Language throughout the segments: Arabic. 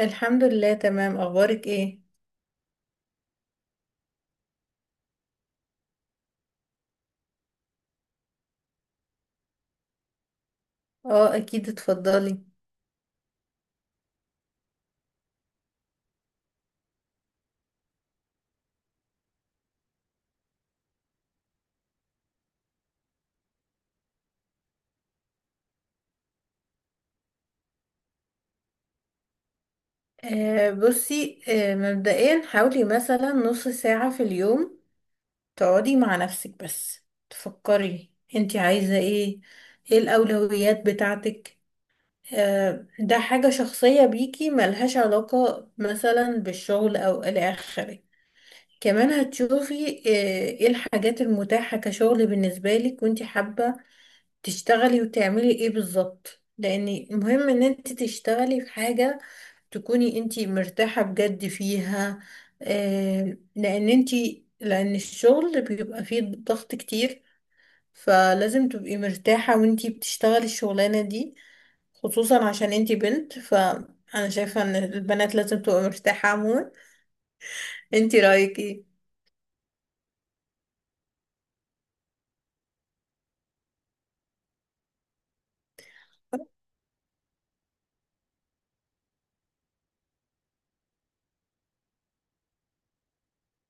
الحمد لله، تمام. اخبارك ايه؟ اه، اكيد، اتفضلي. بصي. مبدئيا، حاولي مثلا نص ساعة في اليوم تقعدي مع نفسك، بس تفكري انتي عايزة ايه. ايه الاولويات بتاعتك؟ ده حاجة شخصية بيكي، ملهاش علاقة مثلا بالشغل او الى اخره. كمان هتشوفي ايه الحاجات المتاحة كشغل بالنسبة لك، وانتي حابة تشتغلي وتعملي ايه بالظبط، لان مهم ان انت تشتغلي في حاجة تكوني انت مرتاحة بجد فيها. آه لان انت لان الشغل بيبقى فيه ضغط كتير، فلازم تبقي مرتاحة وانت بتشتغلي الشغلانة دي، خصوصا عشان انت بنت. فانا شايفة ان البنات لازم تبقى مرتاحة عموما. انت رأيك ايه؟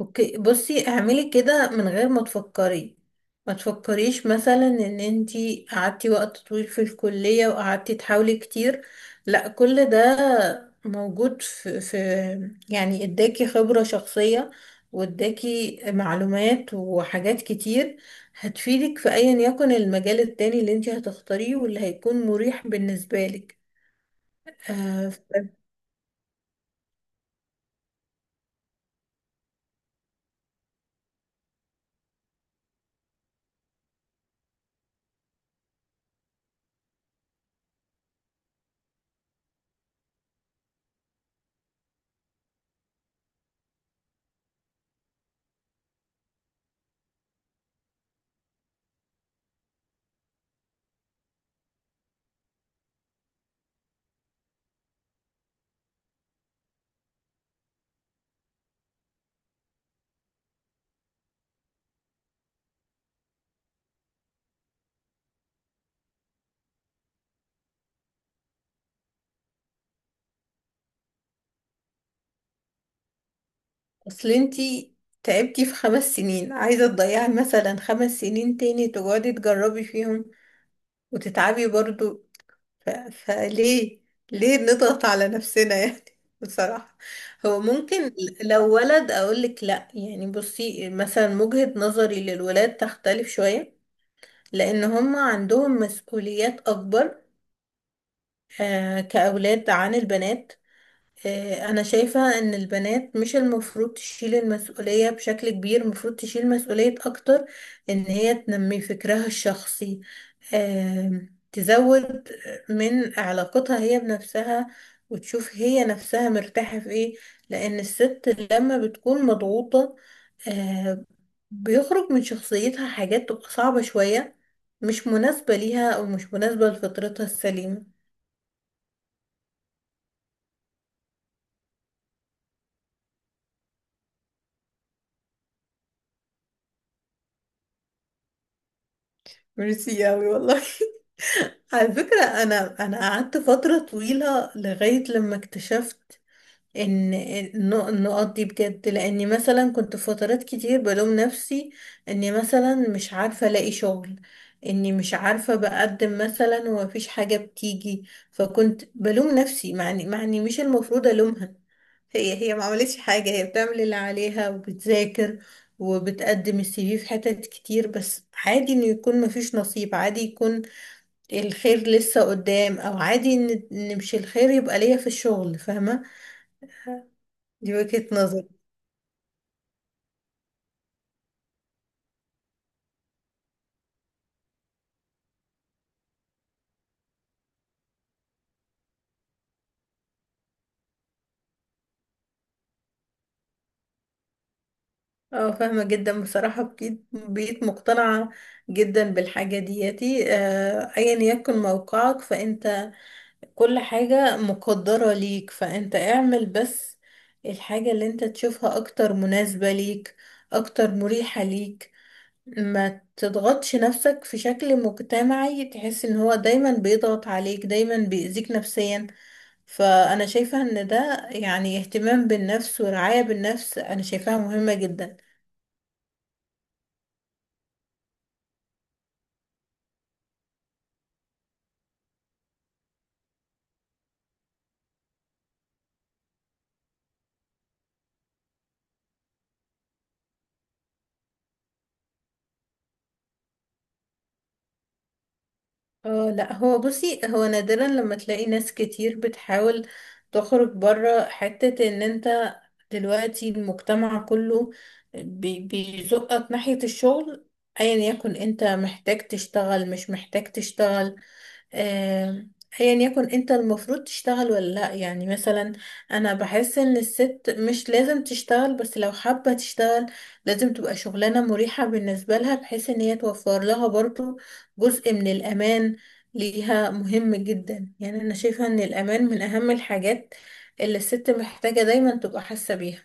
اوكي. بصي، اعملي كده من غير ما تفكري. ما تفكريش مثلا ان انتي قعدتي وقت طويل في الكلية وقعدتي تحاولي كتير. لا، كل ده موجود في، يعني اداكي خبرة شخصية واداكي معلومات وحاجات كتير هتفيدك في ايا يكن المجال التاني اللي انتي هتختاريه واللي هيكون مريح بالنسبة لك. آه، اصل انتي تعبتي في خمس سنين، عايزة تضيعي مثلا خمس سنين تاني تقعدي تجربي فيهم وتتعبي برضو؟ فليه، ليه نضغط على نفسنا يعني بصراحة. هو ممكن لو ولد اقولك لا، يعني بصي، مثلا وجهة نظري للولاد تختلف شوية، لان هم عندهم مسؤوليات اكبر كأولاد عن البنات. أنا شايفة إن البنات مش المفروض تشيل المسؤولية بشكل كبير، المفروض تشيل مسؤولية أكتر إن هي تنمي فكرها الشخصي، تزود من علاقتها هي بنفسها وتشوف هي نفسها مرتاحة في إيه. لأن الست لما بتكون مضغوطة آه، بيخرج من شخصيتها حاجات تبقى صعبة شوية، مش مناسبة ليها أو مش مناسبة لفطرتها السليمة. ميرسي أوي والله على فكرة، أنا قعدت فترة طويلة لغاية لما اكتشفت إن النقط دي بجد. لأني مثلا كنت في فترات كتير بلوم نفسي إني مثلا مش عارفة ألاقي شغل، إني مش عارفة بقدم مثلا ومفيش حاجة بتيجي. فكنت بلوم نفسي، معني مش المفروض ألومها. هي ما عملتش حاجة، هي بتعمل اللي عليها وبتذاكر وبتقدم السي في في حتت كتير. بس عادي إنه يكون مفيش نصيب، عادي يكون الخير لسه قدام، او عادي نمشي، الخير يبقى ليا في الشغل، فاهمة؟ دي وجهة نظر. اه، فاهمة جدا بصراحة. بقيت مقتنعة جدا بالحاجة دياتي. ايا يكن موقعك فانت كل حاجة مقدرة ليك، فانت اعمل بس الحاجة اللي انت تشوفها اكتر مناسبة ليك، اكتر مريحة ليك. ما تضغطش نفسك في شكل مجتمعي تحس ان هو دايما بيضغط عليك، دايما بيأذيك نفسيا. فأنا شايفة إن ده يعني اهتمام بالنفس ورعاية بالنفس، أنا شايفاها مهمة جدا. اه لا، هو بصي، هو نادرا لما تلاقي ناس كتير بتحاول تخرج بره حتة إن أنت دلوقتي المجتمع كله بيزقك ناحية الشغل. أيا يكن أنت محتاج تشتغل مش محتاج تشتغل، آه، ايا يكن انت المفروض تشتغل ولا لا. يعني مثلا انا بحس ان الست مش لازم تشتغل، بس لو حابة تشتغل لازم تبقى شغلانة مريحة بالنسبة لها، بحيث ان هي توفر لها برضو جزء من الامان. ليها مهم جدا، يعني انا شايفة ان الامان من اهم الحاجات اللي الست محتاجة دايما تبقى حاسة بيها.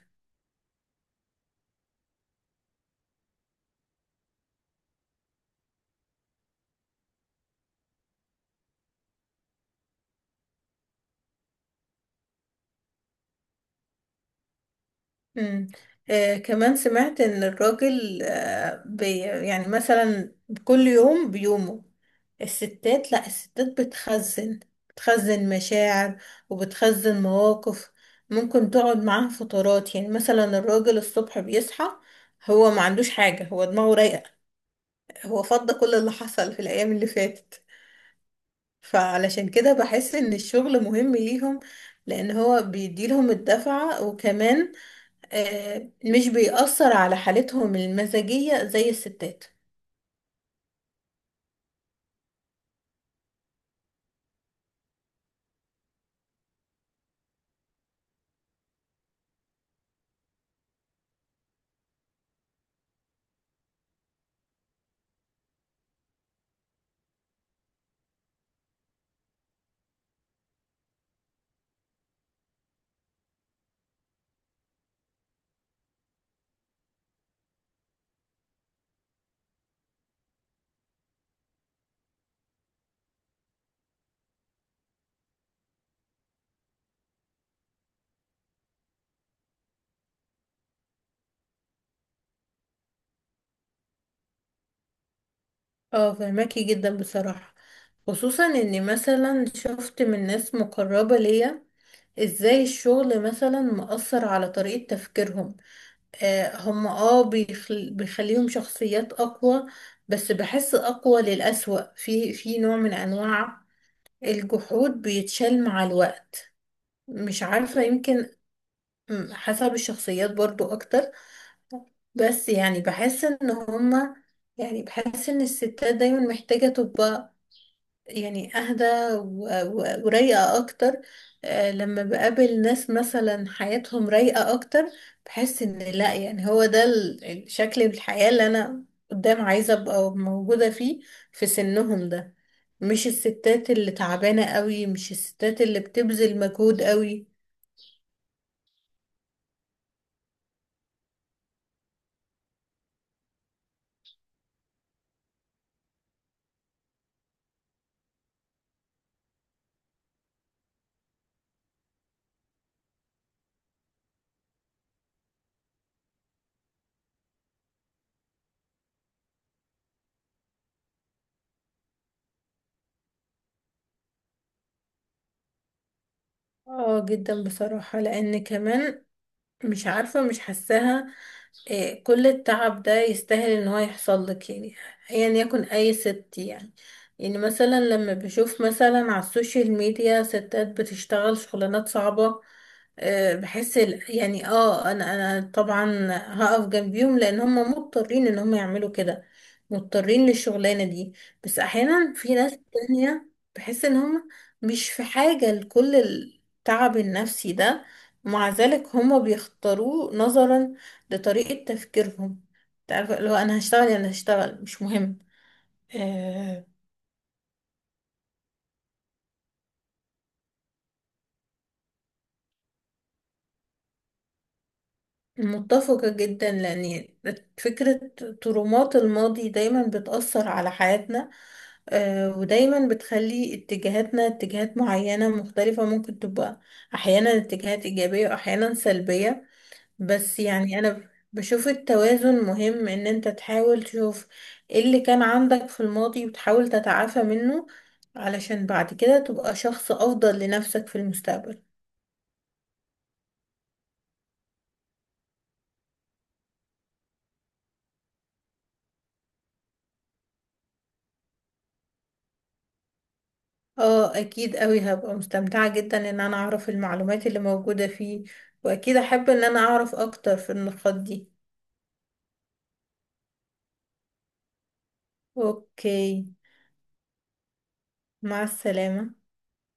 مم. كمان سمعت ان الراجل آه بي يعني مثلا كل يوم بيومه. الستات، لا، الستات بتخزن، بتخزن مشاعر وبتخزن مواقف ممكن تقعد معاها فترات. يعني مثلا الراجل الصبح بيصحى هو ما عندوش حاجة، هو دماغه رايقة، هو فضى كل اللي حصل في الأيام اللي فاتت. فعلشان كده بحس إن الشغل مهم ليهم، لأن هو بيديلهم الدفعة. وكمان مش بيأثر على حالتهم المزاجية زي الستات. اه فهماكي جدا بصراحة. خصوصا اني مثلا شفت من ناس مقربة ليا ازاي الشغل مثلا مأثر على طريقة تفكيرهم. هم بيخليهم شخصيات اقوى، بس بحس اقوى للأسوأ. في نوع من انواع الجحود بيتشال مع الوقت، مش عارفة، يمكن حسب الشخصيات برضو اكتر. بس يعني بحس ان هما، يعني بحس ان الستات دايما محتاجة تبقى يعني اهدى ورايقة اكتر. لما بقابل ناس مثلا حياتهم رايقة اكتر بحس ان لا، يعني هو ده الشكل الحياة اللي انا قدام عايزة ابقى موجودة فيه، في سنهم ده. مش الستات اللي تعبانة قوي، مش الستات اللي بتبذل مجهود قوي. اه جدا بصراحة، لان كمان مش عارفة، مش حاساها إيه كل التعب ده يستاهل ان هو يحصل لك. يعني ايا يكن اي ست. يعني يعني مثلا لما بشوف مثلا على السوشيال ميديا ستات بتشتغل شغلانات صعبة إيه، بحس يعني انا طبعا هقف جنبيهم لان هم مضطرين ان هم يعملوا كده، مضطرين للشغلانة دي. بس احيانا في ناس تانية بحس ان هم مش في حاجة لكل التعب النفسي ده، مع ذلك هم بيختاروه نظرا ده طريقة تفكيرهم. تعرف، لو أنا هشتغل يعني هشتغل مش مهم. آه متفقة جدا، لأن فكرة ترومات الماضي دايما بتأثر على حياتنا، ودايما بتخلي اتجاهاتنا اتجاهات معينة مختلفة، ممكن تبقى أحيانا اتجاهات إيجابية وأحيانا سلبية. بس يعني انا بشوف التوازن مهم، ان انت تحاول تشوف ايه اللي كان عندك في الماضي وتحاول تتعافى منه علشان بعد كده تبقى شخص افضل لنفسك في المستقبل. اه اكيد قوي، هبقى مستمتعة جدا ان انا اعرف المعلومات اللي موجودة فيه، واكيد احب ان انا اعرف اكتر في النقاط دي. اوكي. مع السلامة.